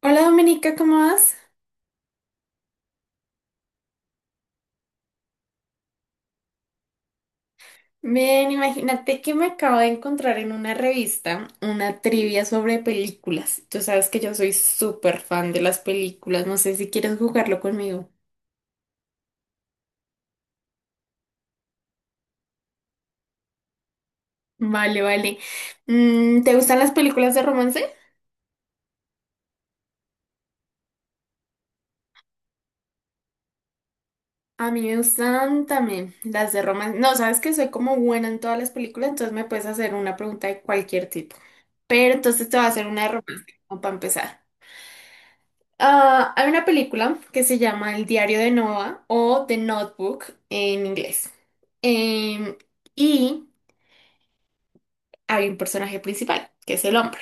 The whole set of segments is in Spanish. Hola Dominica, ¿cómo vas? Bien, imagínate que me acabo de encontrar en una revista una trivia sobre películas. Tú sabes que yo soy súper fan de las películas, no sé si quieres jugarlo conmigo. Vale, vale. ¿Te gustan las películas de romance? A mí me gustan también las de romance. No, sabes que soy como buena en todas las películas, entonces me puedes hacer una pregunta de cualquier tipo. Pero entonces te voy a hacer una de romance, como para empezar. Ah, hay una película que se llama El diario de Noah o The Notebook en inglés. Em, y hay un personaje principal, que es el hombre.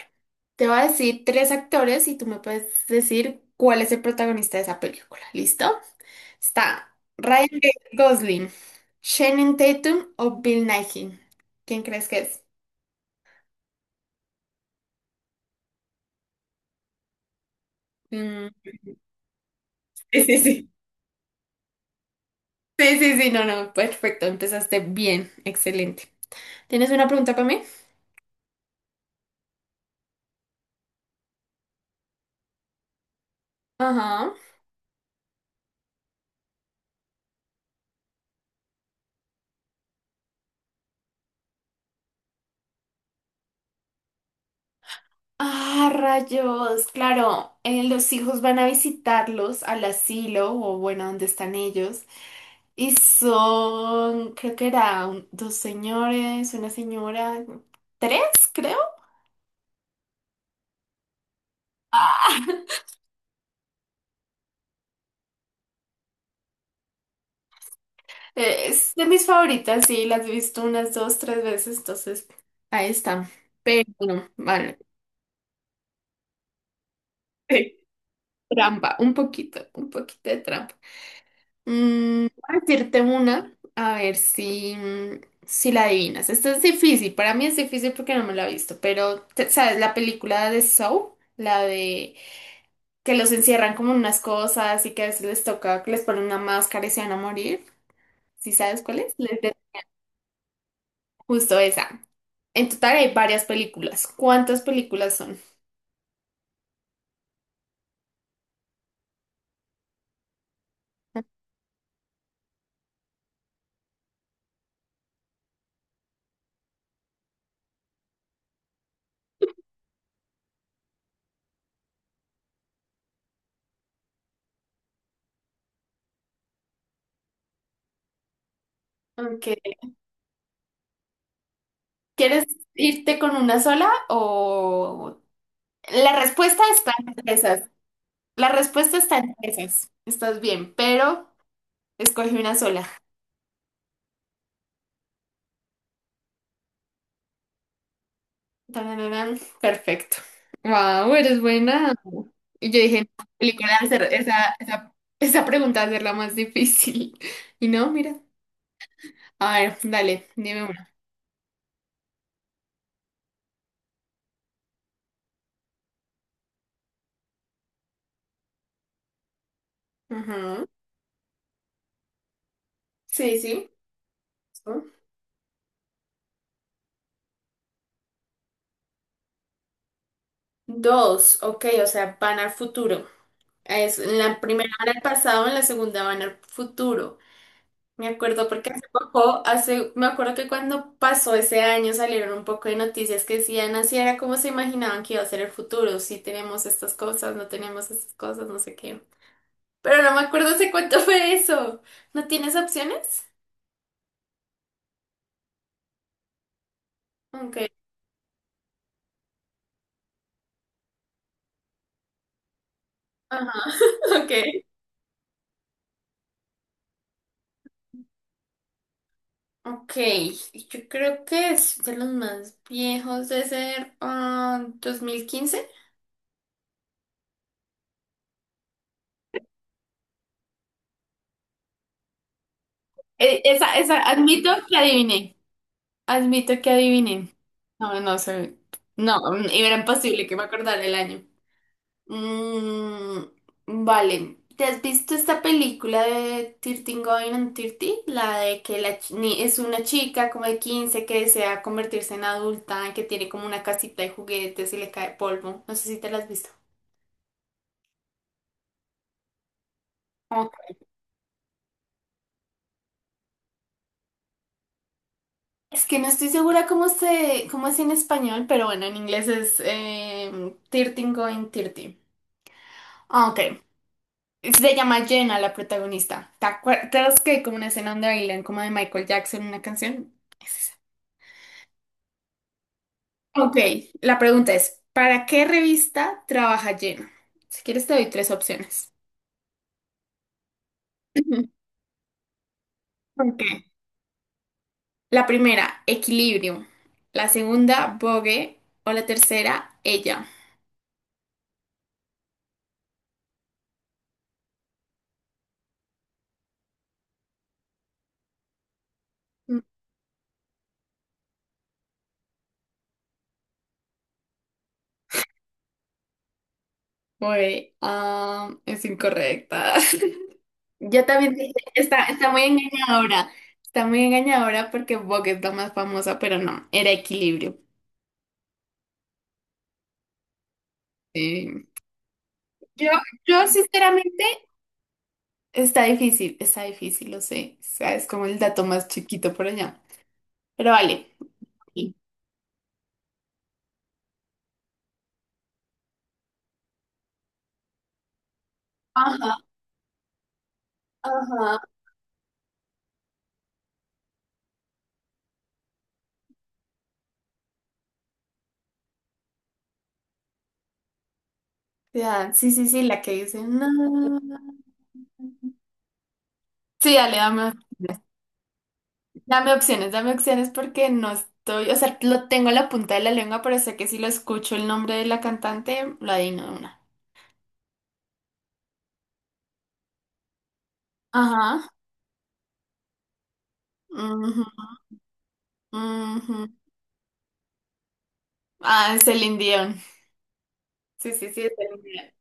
Te voy a decir tres actores y tú me puedes decir cuál es el protagonista de esa película. ¿Listo? Está Ryan Gosling, Shannon Tatum o Bill Nighy. ¿Quién crees que es? Mm, sí, sí, sí. Sí, sí, sí, no, no. Perfecto, empezaste bien. Excelente. ¿Tienes una pregunta para mí? Ajá. Ah, rayos, claro, los hijos van a visitarlos al asilo o bueno, donde están ellos. Y son, creo que eran dos señores, una señora, tres, creo. Ah, Es de mis favoritas, sí, las he visto unas dos, tres veces, entonces ahí están. Pero bueno, vale. Trampa, un poquito de trampa. Voy a decirte una, a ver si, si la adivinas. Esto es difícil, para mí es difícil porque no me la he visto, pero ¿sabes la película de Saw? La de que los encierran como en unas cosas y que a veces les toca que les ponen una máscara y se van a morir. ¿Sí sabes cuál es? Justo esa. En total hay varias películas. ¿Cuántas películas son? Ok. ¿Quieres irte con una sola o...? La respuesta está en esas. La respuesta está en esas. Estás bien, pero escogí una sola. Tarararán. Perfecto. Wow, eres buena. Y yo dije, no, película, hacer esa pregunta, hacerla más difícil. Y no, mira. A ver, dale, dime una. Ajá. Sí, sí. Dos, ok, o sea, van al futuro. Es, en la primera van al pasado, en la segunda van al futuro. Me acuerdo porque hace poco, hace, me acuerdo que cuando pasó ese año salieron un poco de noticias que decían así era como se imaginaban que iba a ser el futuro, si tenemos estas cosas, no tenemos estas cosas, no sé qué. Pero no me acuerdo hace cuánto fue eso. ¿No tienes opciones? Ok. Ajá. Ok. Ok. Yo creo que es de los más viejos de ser ah, 2015. Admito que adiviné. Admito que adiviné. No, no sé. No, era imposible que me acordara el año. Vale. ¿Te has visto esta película de 13 Going on 30? La de que la ch- ni- es una chica como de 15 que desea convertirse en adulta, que tiene como una casita de juguetes y le cae polvo. No sé si te la has visto. Ok. Es que no estoy segura cómo se, cómo es en español, pero bueno, en inglés es 13 Going 30. Ah, ok. Se llama Jenna la protagonista. ¿Te acuerdas que hay como una escena donde bailan como de Michael Jackson una canción? Es esa. Ok, la pregunta es, ¿para qué revista trabaja Jenna? Si quieres te doy tres opciones. Ok. La primera, Equilibrio. La segunda, Vogue. O la tercera, Ella. Vogue, ah, es incorrecta. Yo también dije, está muy engañadora. Está muy engañadora porque Vogue es la más famosa, pero no, era Equilibrio. Sí. Yo, yo sinceramente, está difícil, lo sé. O sea, es como el dato más chiquito por allá. Pero vale. Sí. Ajá, ajá. Ya, sí, sí, sí, la que dice no. Sí, dale, dame, dame opciones porque no estoy, o sea, lo tengo a la punta de la lengua, pero sé que si lo escucho el nombre de la cantante, lo adivino de una. Ajá. Ujú, ujú. Ah, es Celine Dion. Sí, sí, sí, es Celine Dion.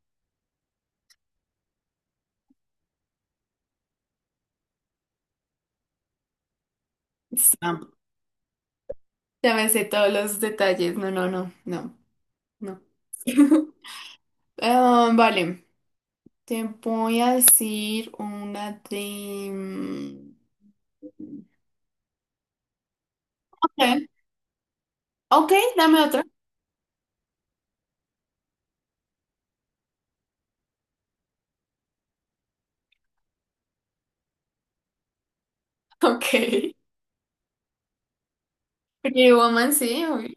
Sí. Ya me sé todos los detalles. No, no, no, no. No. Ah, vale, te voy a decir una de... Ok, ok, dame otra. Ok. Pretty Woman, sí, obvio.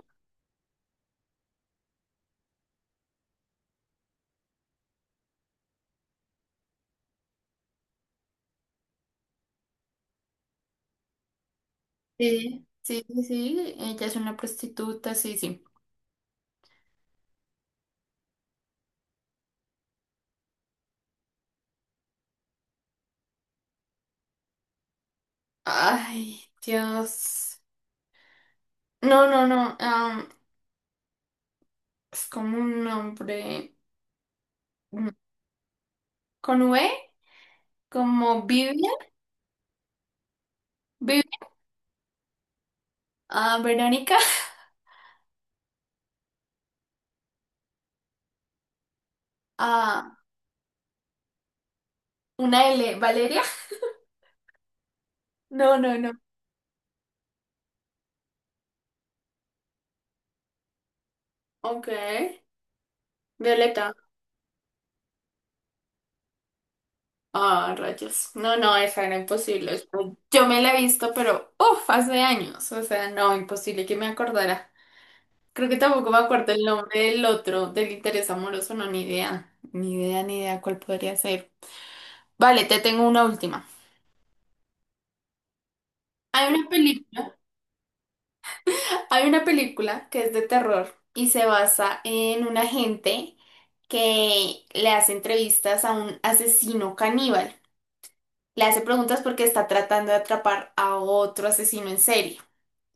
Sí, sí, sí, sí, ella es una prostituta, sí, sí. Ay, Dios. No, no, no. Es como un nombre, mm, con V, como Vivian, Vivian, ah, Verónica, ah, una L, Valeria. No, no, no. Ok. Violeta. Ah, rayos. No, no, esa era imposible. Yo me la he visto, pero uff, hace años. O sea, no, imposible que me acordara. Creo que tampoco me acuerdo el nombre del otro, del interés amoroso, no, ni idea. Ni idea, ni idea cuál podría ser. Vale, te tengo una última. Hay una película, hay una película que es de terror y se basa en un agente que le hace entrevistas a un asesino caníbal. Le hace preguntas porque está tratando de atrapar a otro asesino en serie.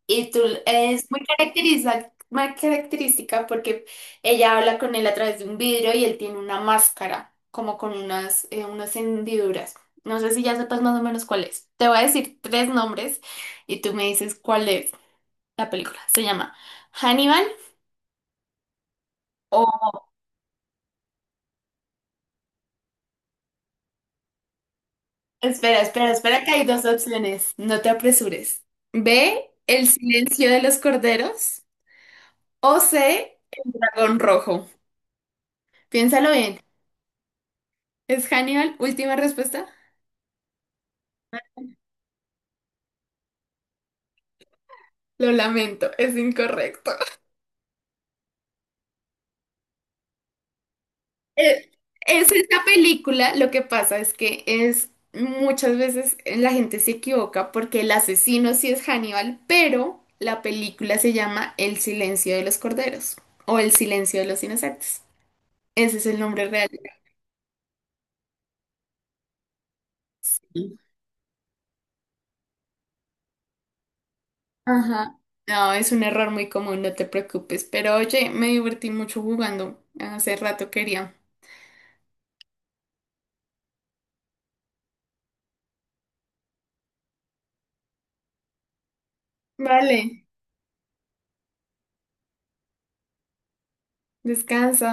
Y tú es muy muy característica porque ella habla con él a través de un vidrio y él tiene una máscara, como con unas, unas hendiduras. No sé si ya sepas más o menos cuál es. Te voy a decir tres nombres y tú me dices cuál es la película. Se llama Hannibal o... Espera, espera, espera que hay dos opciones. No te apresures. B, El silencio de los corderos, o C, Dragón Rojo. Piénsalo bien. ¿Es Hannibal última respuesta? Lo lamento, es incorrecto. Eh, Es esta película, lo que pasa es que es muchas veces la gente se equivoca porque el asesino sí es Hannibal, pero la película se llama El silencio de los corderos o El silencio de los inocentes. Ese es el nombre real. Ajá. No, es un error muy común, no te preocupes. Pero oye, me divertí mucho jugando. Hace rato quería. Vale, descansa.